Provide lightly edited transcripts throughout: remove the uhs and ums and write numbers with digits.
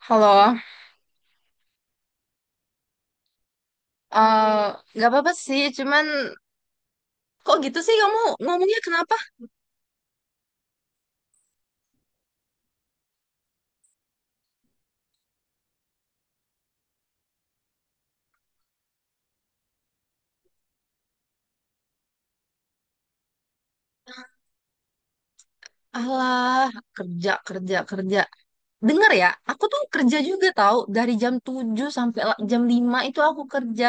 Halo, eh nggak apa-apa sih, cuman kok gitu sih kamu ngomongnya kenapa? Alah, kerja, kerja, kerja. Dengar ya, aku tuh kerja juga tahu dari jam 7 sampai jam 5 itu aku kerja.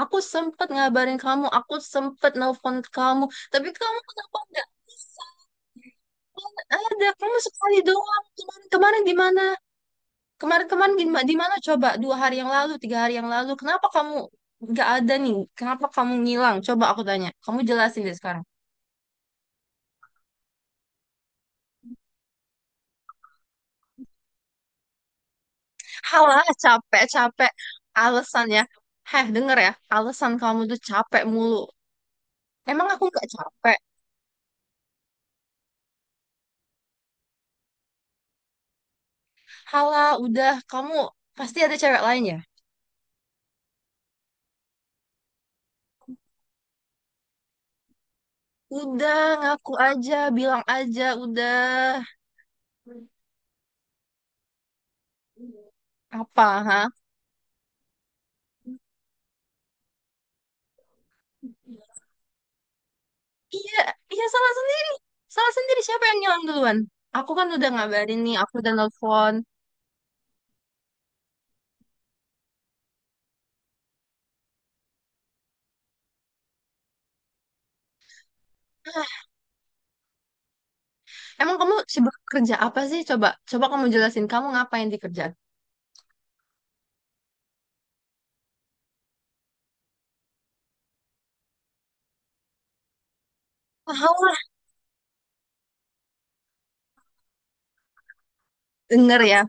Aku sempet ngabarin kamu, aku sempet nelpon kamu, tapi kamu kenapa nggak bisa? Ada, kamu sekali doang. Kemarin-kemarin di mana? Kemarin-kemarin di mana coba? Dua hari yang lalu, tiga hari yang lalu. Kenapa kamu nggak ada nih? Kenapa kamu ngilang? Coba aku tanya. Kamu jelasin deh sekarang. Halah, capek-capek. Alasannya. Heh, denger ya. Alasan kamu tuh capek mulu. Emang aku nggak capek? Halah, udah. Kamu pasti ada cewek lain ya? Udah, ngaku aja. Bilang aja, udah. Apa, ha? Iya, iya, salah sendiri. Salah sendiri siapa yang ngilang duluan? Aku kan udah ngabarin nih, aku udah nelfon. Ah, emang kamu sibuk kerja apa sih? Coba, coba kamu jelasin kamu ngapain di kerjaan. Tahu lah, denger ya.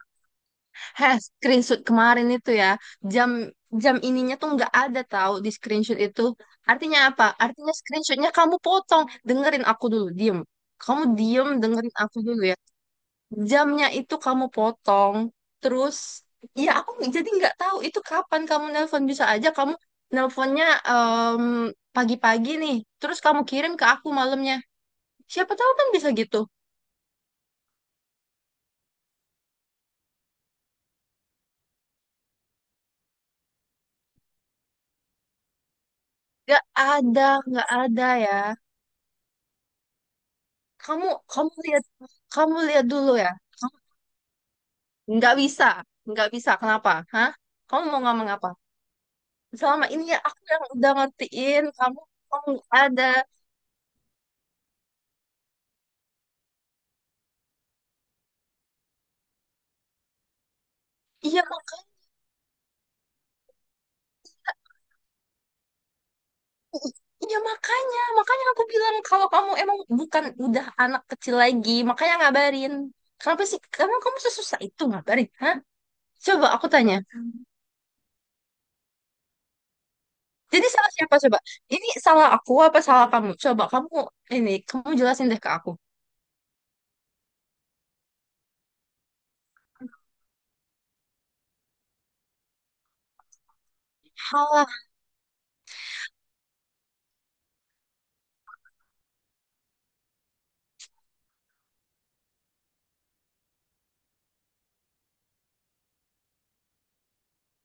Heh, screenshot kemarin itu ya, jam jam ininya tuh nggak ada tahu di screenshot itu. Artinya apa? Artinya screenshotnya kamu potong. Dengerin aku dulu, diem. Kamu diem, dengerin aku dulu ya. Jamnya itu kamu potong, terus ya aku jadi nggak tahu itu kapan kamu nelpon, bisa aja kamu nelponnya em, pagi-pagi nih, terus kamu kirim ke aku malamnya, siapa tahu kan bisa gitu. Nggak ada, nggak ada ya, kamu kamu lihat kamu lihat dulu ya. Kamu- nggak bisa nggak bisa kenapa, hah? Kamu mau ngomong apa? Selama ini ya, aku yang udah ngertiin kamu. Kamu nggak ada. Iya. Iya, makanya aku bilang kalau kamu emang bukan udah anak kecil lagi, makanya ngabarin. Kenapa sih? Karena kamu sesusah itu ngabarin, hah? Coba aku tanya. Jadi salah siapa coba? Ini salah aku apa salah kamu? Coba kamu ini, kamu jelasin deh ke aku. Salah.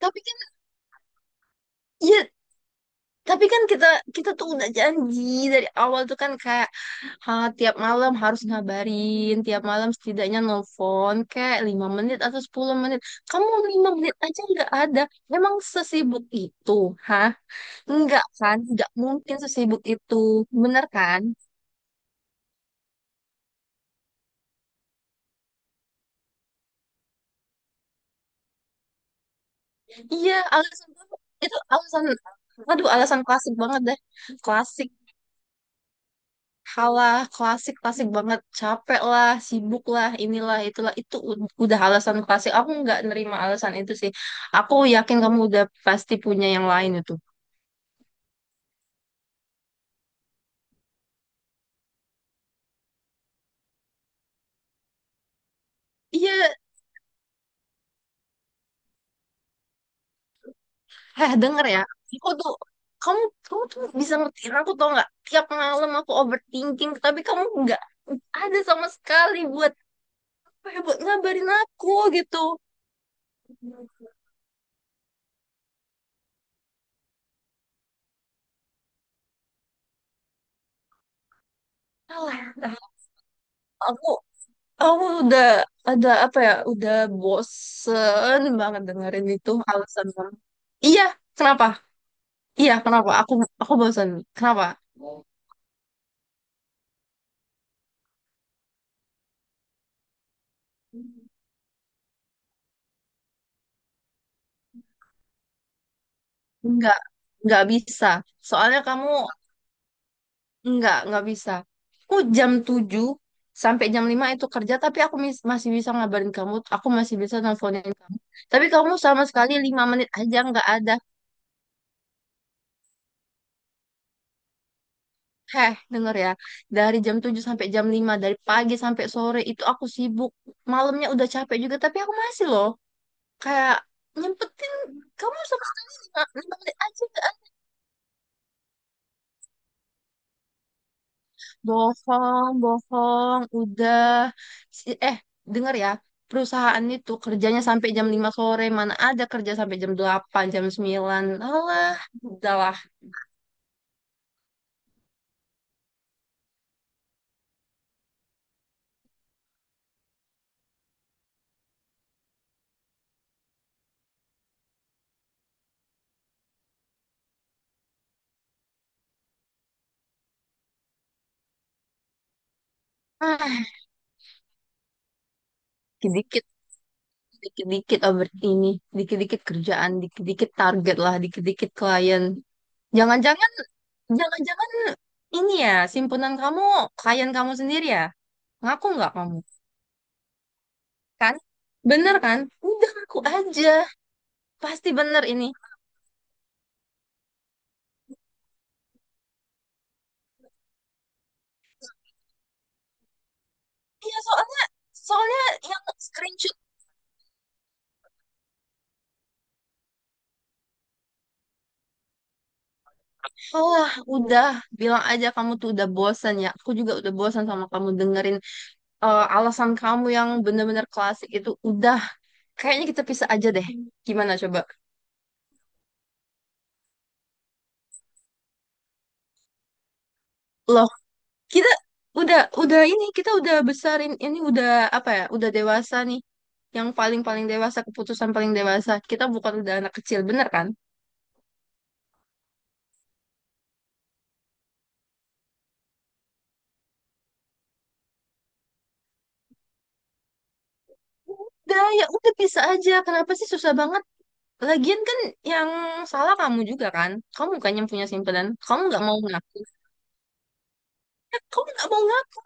Tapi kan, ya Tapi kan kita kita tuh udah janji dari awal tuh kan kayak, ha, tiap malam harus ngabarin, tiap malam setidaknya nelfon kayak 5 menit atau 10 menit. Kamu 5 menit aja nggak ada. Memang sesibuk itu, hah? Enggak kan? Nggak mungkin sesibuk itu. Bener kan? Iya, alasan itu alasan Aduh, alasan klasik banget deh. Klasik Halah, klasik klasik banget. Capek lah, sibuk lah, inilah itulah itu udah alasan klasik. Aku nggak nerima alasan itu sih. Aku yakin kamu udah pasti punya yang lain itu. Iya, denger ya. Aku tuh kamu kamu tuh bisa ngertiin aku, tau nggak? Tiap malam aku overthinking, tapi kamu nggak ada sama sekali buat, apa ya, buat ngabarin aku gitu. Alah, dah. aku Aku udah, apa ya? Udah bosen banget dengerin itu alasan orang. Iya, kenapa? Iya, kenapa? Aku bosen. Kenapa? Enggak, enggak bisa. Soalnya kamu enggak bisa. Aku jam 7 sampai jam 5 itu kerja, tapi aku masih bisa ngabarin kamu, aku masih bisa nelfonin kamu. Tapi kamu sama sekali 5 menit aja enggak ada. Heh, denger ya. Dari jam 7 sampai jam lima, dari pagi sampai sore itu aku sibuk. Malamnya udah capek juga, tapi aku masih loh. Kayak nyempetin, kamu sama sekali lima lima menit aja nggak? Bohong, bohong, udah. Si- Eh, denger ya. Perusahaan itu kerjanya sampai jam 5 sore. Mana ada kerja sampai jam delapan, jam sembilan. Alah, udahlah. Ah, dikit dikit-dikit over ini, dikit-dikit kerjaan, dikit-dikit target lah, dikit-dikit klien. Jangan-jangan, jangan-jangan ini ya, simpunan kamu, klien kamu sendiri ya? Ngaku nggak kamu? Kan? Bener kan? Udah ngaku aja. Pasti bener ini. Iya soalnya yang screenshot. Allah, udah. Bilang aja kamu tuh udah bosan ya. Aku juga udah bosan sama kamu dengerin alasan kamu yang bener-bener klasik itu. Udah. Kayaknya kita pisah aja deh. Gimana coba? Loh, kita udah ini, kita udah besarin ini, udah apa ya? Udah dewasa nih. Yang paling-paling dewasa, keputusan paling dewasa. Kita bukan udah anak kecil, bener kan? Udah, ya udah bisa aja. Kenapa sih susah banget? Lagian kan yang salah kamu juga kan? Kamu bukan yang punya simpanan. Kamu nggak mau ngaku. Eh, kamu nggak mau ngaku.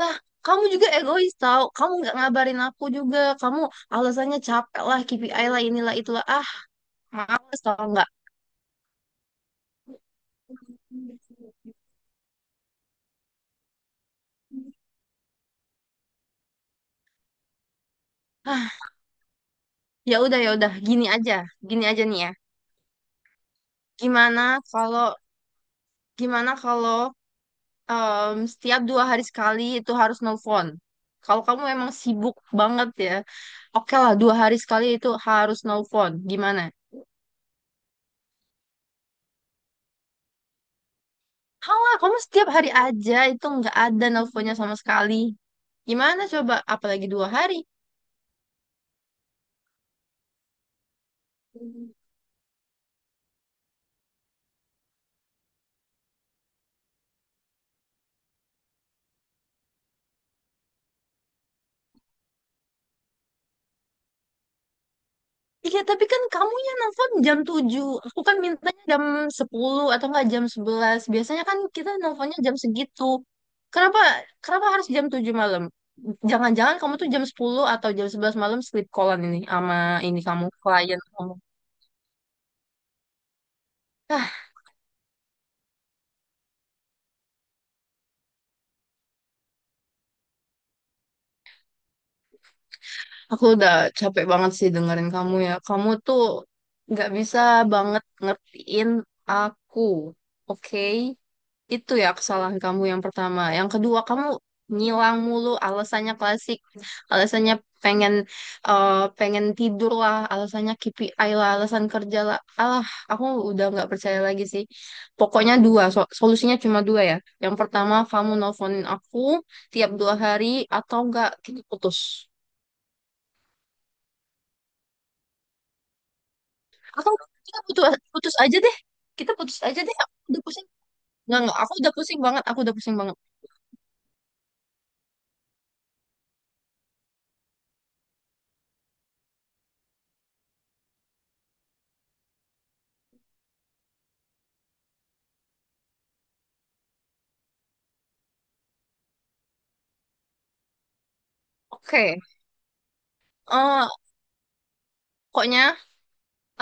Lah, kamu juga egois tau. Kamu nggak ngabarin aku juga. Kamu alasannya capek lah, KPI lah, inilah, itulah. Ah, males tau nggak? ah ya udah gini aja nih ya. Gimana kalau gimana kalau setiap dua hari sekali itu harus nelfon. Kalau kamu emang sibuk banget ya, oke lah dua hari sekali itu harus nelfon. Gimana? Halah, kamu setiap hari aja itu nggak ada nelfonnya sama sekali. Gimana coba? Apalagi dua hari. Iya, tapi kan kamu yang nelfon jam 7. Aku kan mintanya jam 10 atau enggak jam 11. Biasanya kan kita nelfonnya jam segitu. Kenapa kenapa harus jam 7 malam? Jangan-jangan kamu tuh jam 10 atau jam 11 malam sleep callan ini sama ini, kamu, klien kamu. Ah, aku udah capek banget sih dengerin kamu ya. Kamu tuh nggak bisa banget ngertiin aku, oke? Itu ya kesalahan kamu yang pertama. Yang kedua, kamu ngilang mulu alasannya klasik. Alasannya pengen eh, pengen tidur lah, alasannya KPI lah, alasan kerja lah. Alah, aku udah nggak percaya lagi sih. Pokoknya dua, solusinya cuma dua ya. Yang pertama, kamu nelfonin aku tiap dua hari atau enggak kita putus. Atau kita putus putus aja deh. Kita putus aja deh. Aku udah pusing. Nggak, nggak. Aku udah pusing banget, aku udah pusing banget. Oke. eh Pokoknya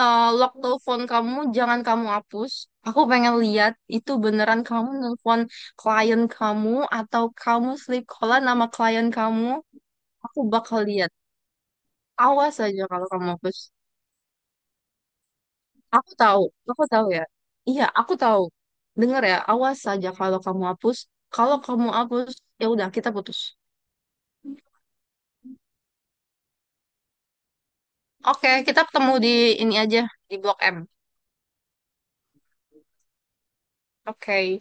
lock telepon kamu, jangan kamu hapus. Aku pengen lihat itu beneran kamu nelpon klien kamu atau kamu sleep callan nama klien kamu. Aku bakal lihat. Awas aja kalau kamu hapus. Aku tahu, aku tahu ya. Iya, aku tahu. Dengar ya, awas aja kalau kamu hapus. Kalau kamu hapus, ya udah kita putus. Oke, kita ketemu di ini aja di Blok M. Oke.